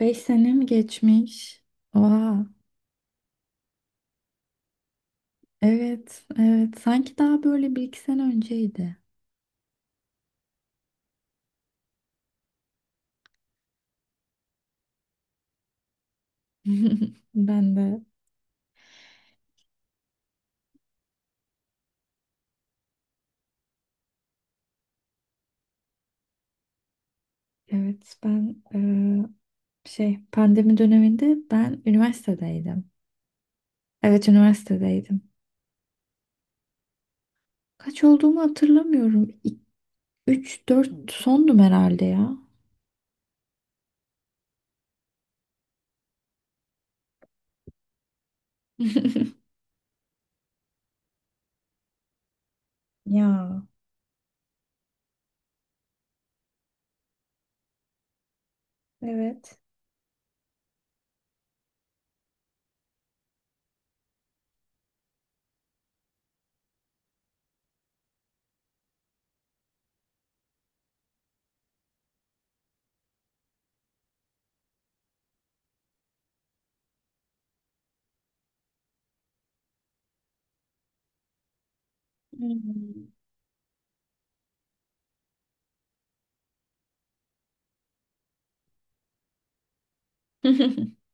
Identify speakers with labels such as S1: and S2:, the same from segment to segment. S1: Beş sene mi geçmiş? Oha. Evet, evet. Sanki daha böyle bir iki sene önceydi. Ben de, evet. Ben pandemi döneminde ben üniversitedeydim. Evet, üniversitedeydim. Kaç olduğumu hatırlamıyorum. 3 4 sondum herhalde ya. Ya, evet. Hmm.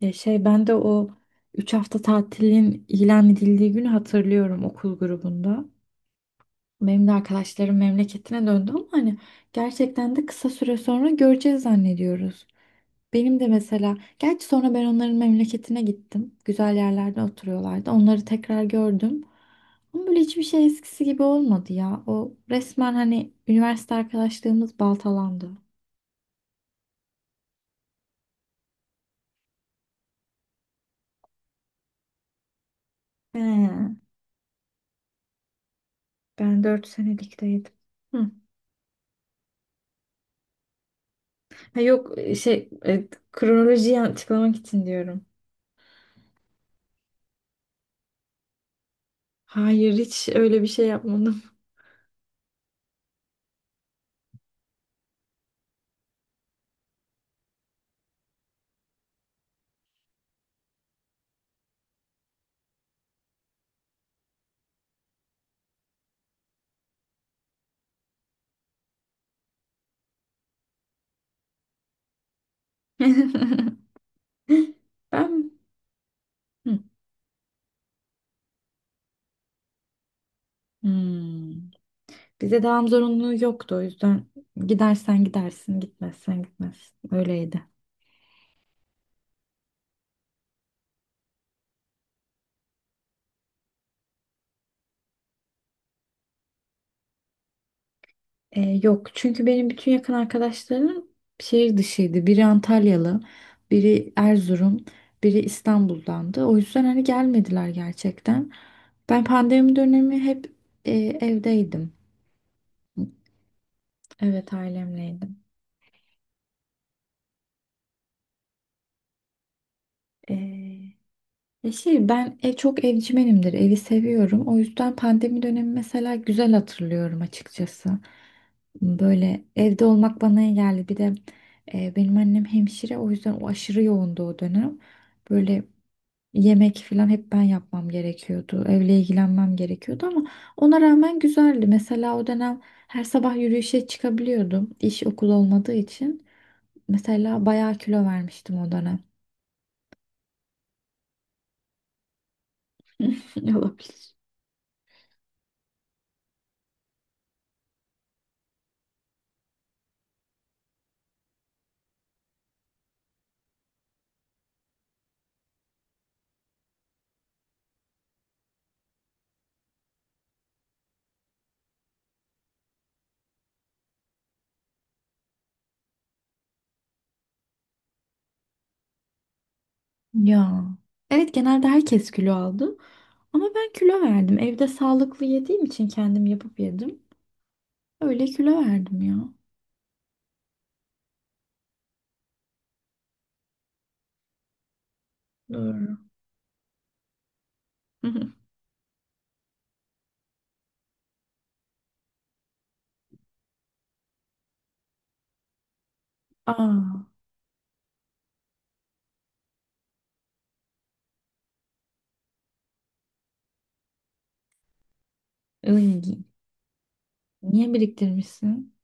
S1: Ya ben de o 3 hafta tatilin ilan edildiği günü hatırlıyorum okul grubunda. Benim de arkadaşlarım memleketine döndü ama hani gerçekten de kısa süre sonra göreceğiz zannediyoruz. Benim de mesela, gerçi sonra ben onların memleketine gittim. Güzel yerlerde oturuyorlardı. Onları tekrar gördüm. Ama böyle hiçbir şey eskisi gibi olmadı ya. O resmen hani üniversite arkadaşlığımız baltalandı. He, ben 4 senelikteydim. Hı. Ha, yok kronolojiyi açıklamak için diyorum. Hayır, hiç öyle bir şey yapmadım. Ben Hı. Hmm. Bize devam zorunluluğu yoktu o yüzden gidersen gidersin, gitmezsen gitmezsin. Öyleydi. Yok çünkü benim bütün yakın arkadaşlarım şehir dışıydı. Biri Antalyalı, biri Erzurum, biri İstanbul'dandı. O yüzden hani gelmediler gerçekten. Ben pandemi dönemi hep evdeydim. Evet ailemleydim. Ee, Ya ben ev çok evcimenimdir. Evi seviyorum. O yüzden pandemi dönemi mesela güzel hatırlıyorum açıkçası. Böyle evde olmak bana iyi geldi. Bir de benim annem hemşire o yüzden o aşırı yoğundu o dönem. Böyle yemek falan hep ben yapmam gerekiyordu. Evle ilgilenmem gerekiyordu ama ona rağmen güzeldi. Mesela o dönem her sabah yürüyüşe çıkabiliyordum. İş okul olmadığı için. Mesela bayağı kilo vermiştim o dönem. Olabilir. Ya. Evet genelde herkes kilo aldı. Ama ben kilo verdim. Evde sağlıklı yediğim için kendim yapıp yedim. Öyle kilo verdim ya. Doğru. Aa, ıy, niye biriktirmişsin?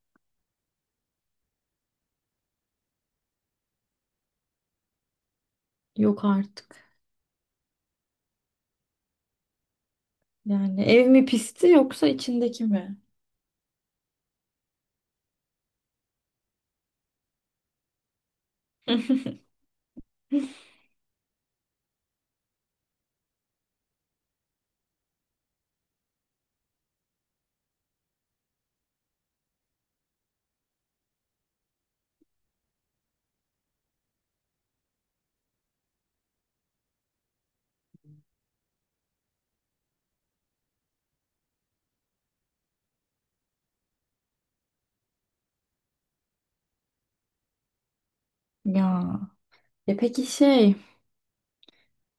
S1: Yok artık. Yani ev mi pisti yoksa içindeki mi? Ya. E peki şey,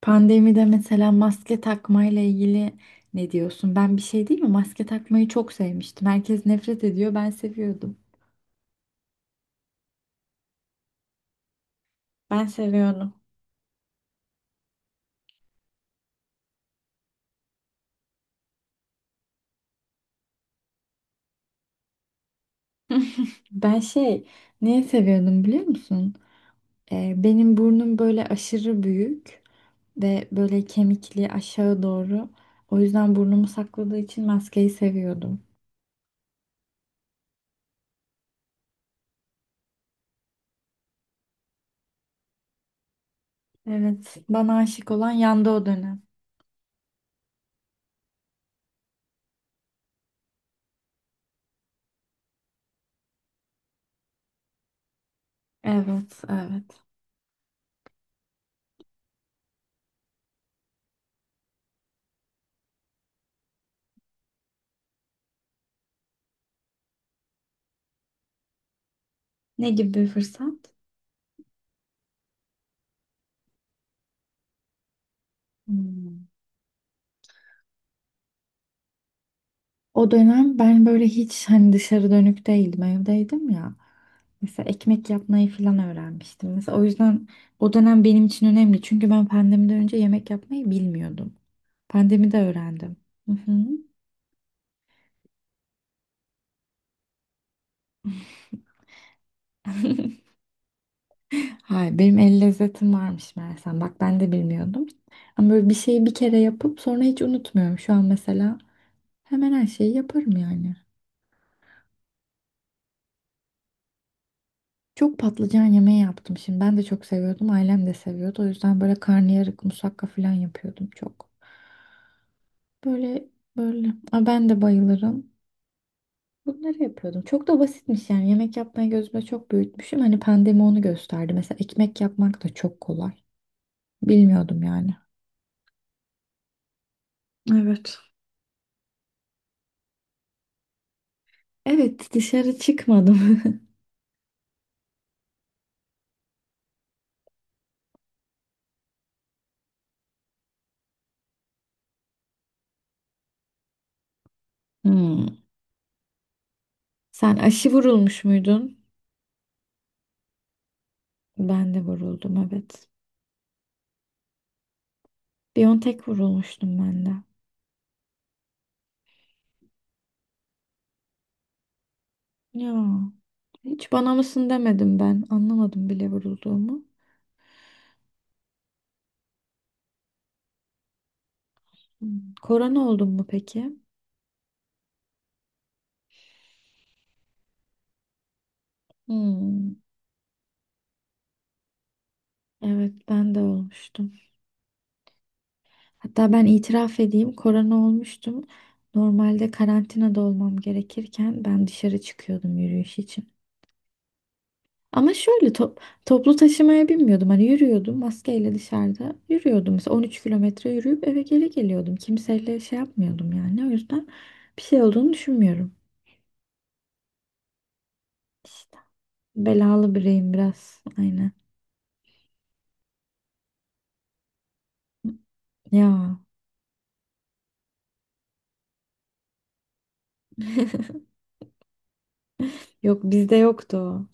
S1: pandemide mesela maske takmayla ilgili ne diyorsun? Ben bir şey değil mi? Maske takmayı çok sevmiştim. Herkes nefret ediyor, ben seviyordum. Ben seviyorum. Ben niye seviyordum biliyor musun? Benim burnum böyle aşırı büyük ve böyle kemikli aşağı doğru. O yüzden burnumu sakladığı için maskeyi seviyordum. Evet, bana aşık olan yandı o dönem. Evet, evet. Ne gibi bir fırsat? Hmm. O dönem ben böyle hiç hani dışarı dönük değildim, evdeydim ya. Mesela ekmek yapmayı falan öğrenmiştim. Mesela o yüzden o dönem benim için önemli. Çünkü ben pandemiden önce yemek yapmayı bilmiyordum. Pandemide öğrendim. Hı hı. Hayır, benim el lezzetim varmış meğersem. Bak ben de bilmiyordum. Ama böyle bir şeyi bir kere yapıp sonra hiç unutmuyorum. Şu an mesela hemen her şeyi yaparım yani. Çok patlıcan yemeği yaptım şimdi. Ben de çok seviyordum. Ailem de seviyordu. O yüzden böyle karnıyarık, musakka falan yapıyordum çok. Böyle böyle. Aa, ben de bayılırım. Bunları yapıyordum. Çok da basitmiş yani. Yemek yapmayı gözüme çok büyütmüşüm. Hani pandemi onu gösterdi. Mesela ekmek yapmak da çok kolay. Bilmiyordum yani. Evet. Evet, dışarı çıkmadım. Hmm. Sen aşı vurulmuş muydun? Ben de vuruldum, evet. Biontech vurulmuştum ben de. Ya, hiç bana mısın demedim ben. Anlamadım bile vurulduğumu. Hmm. Korona oldum mu peki? Hmm. Evet, ben de olmuştum. Hatta ben itiraf edeyim, korona olmuştum. Normalde karantinada olmam gerekirken ben dışarı çıkıyordum yürüyüş için. Ama şöyle toplu taşımaya binmiyordum. Hani yürüyordum maskeyle dışarıda. Yürüyordum mesela 13 kilometre yürüyüp eve geri geliyordum. Kimseyle şey yapmıyordum yani. O yüzden bir şey olduğunu düşünmüyorum. İşte belalı bireyim biraz. Aynen. Ya yok bizde yoktu o.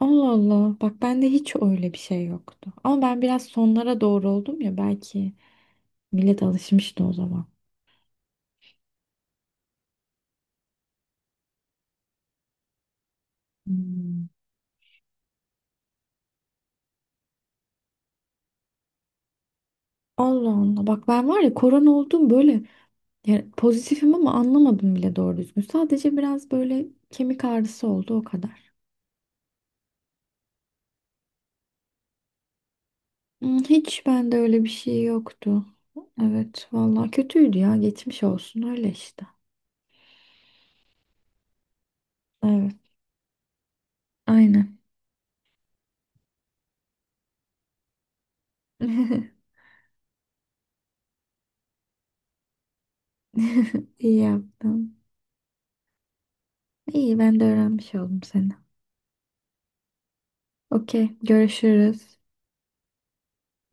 S1: Allah Allah. Bak bende hiç öyle bir şey yoktu. Ama ben biraz sonlara doğru oldum ya belki millet alışmıştı o zaman. Hmm. Allah Allah. Bak ben var ya korona oldum böyle. Yani pozitifim ama anlamadım bile doğru düzgün. Sadece biraz böyle kemik ağrısı oldu o kadar. Hmm, hiç bende öyle bir şey yoktu. Evet, vallahi kötüydü ya. Geçmiş olsun öyle işte. Evet, aynen. İyi yaptın. İyi ben de öğrenmiş oldum seni. Okey, görüşürüz.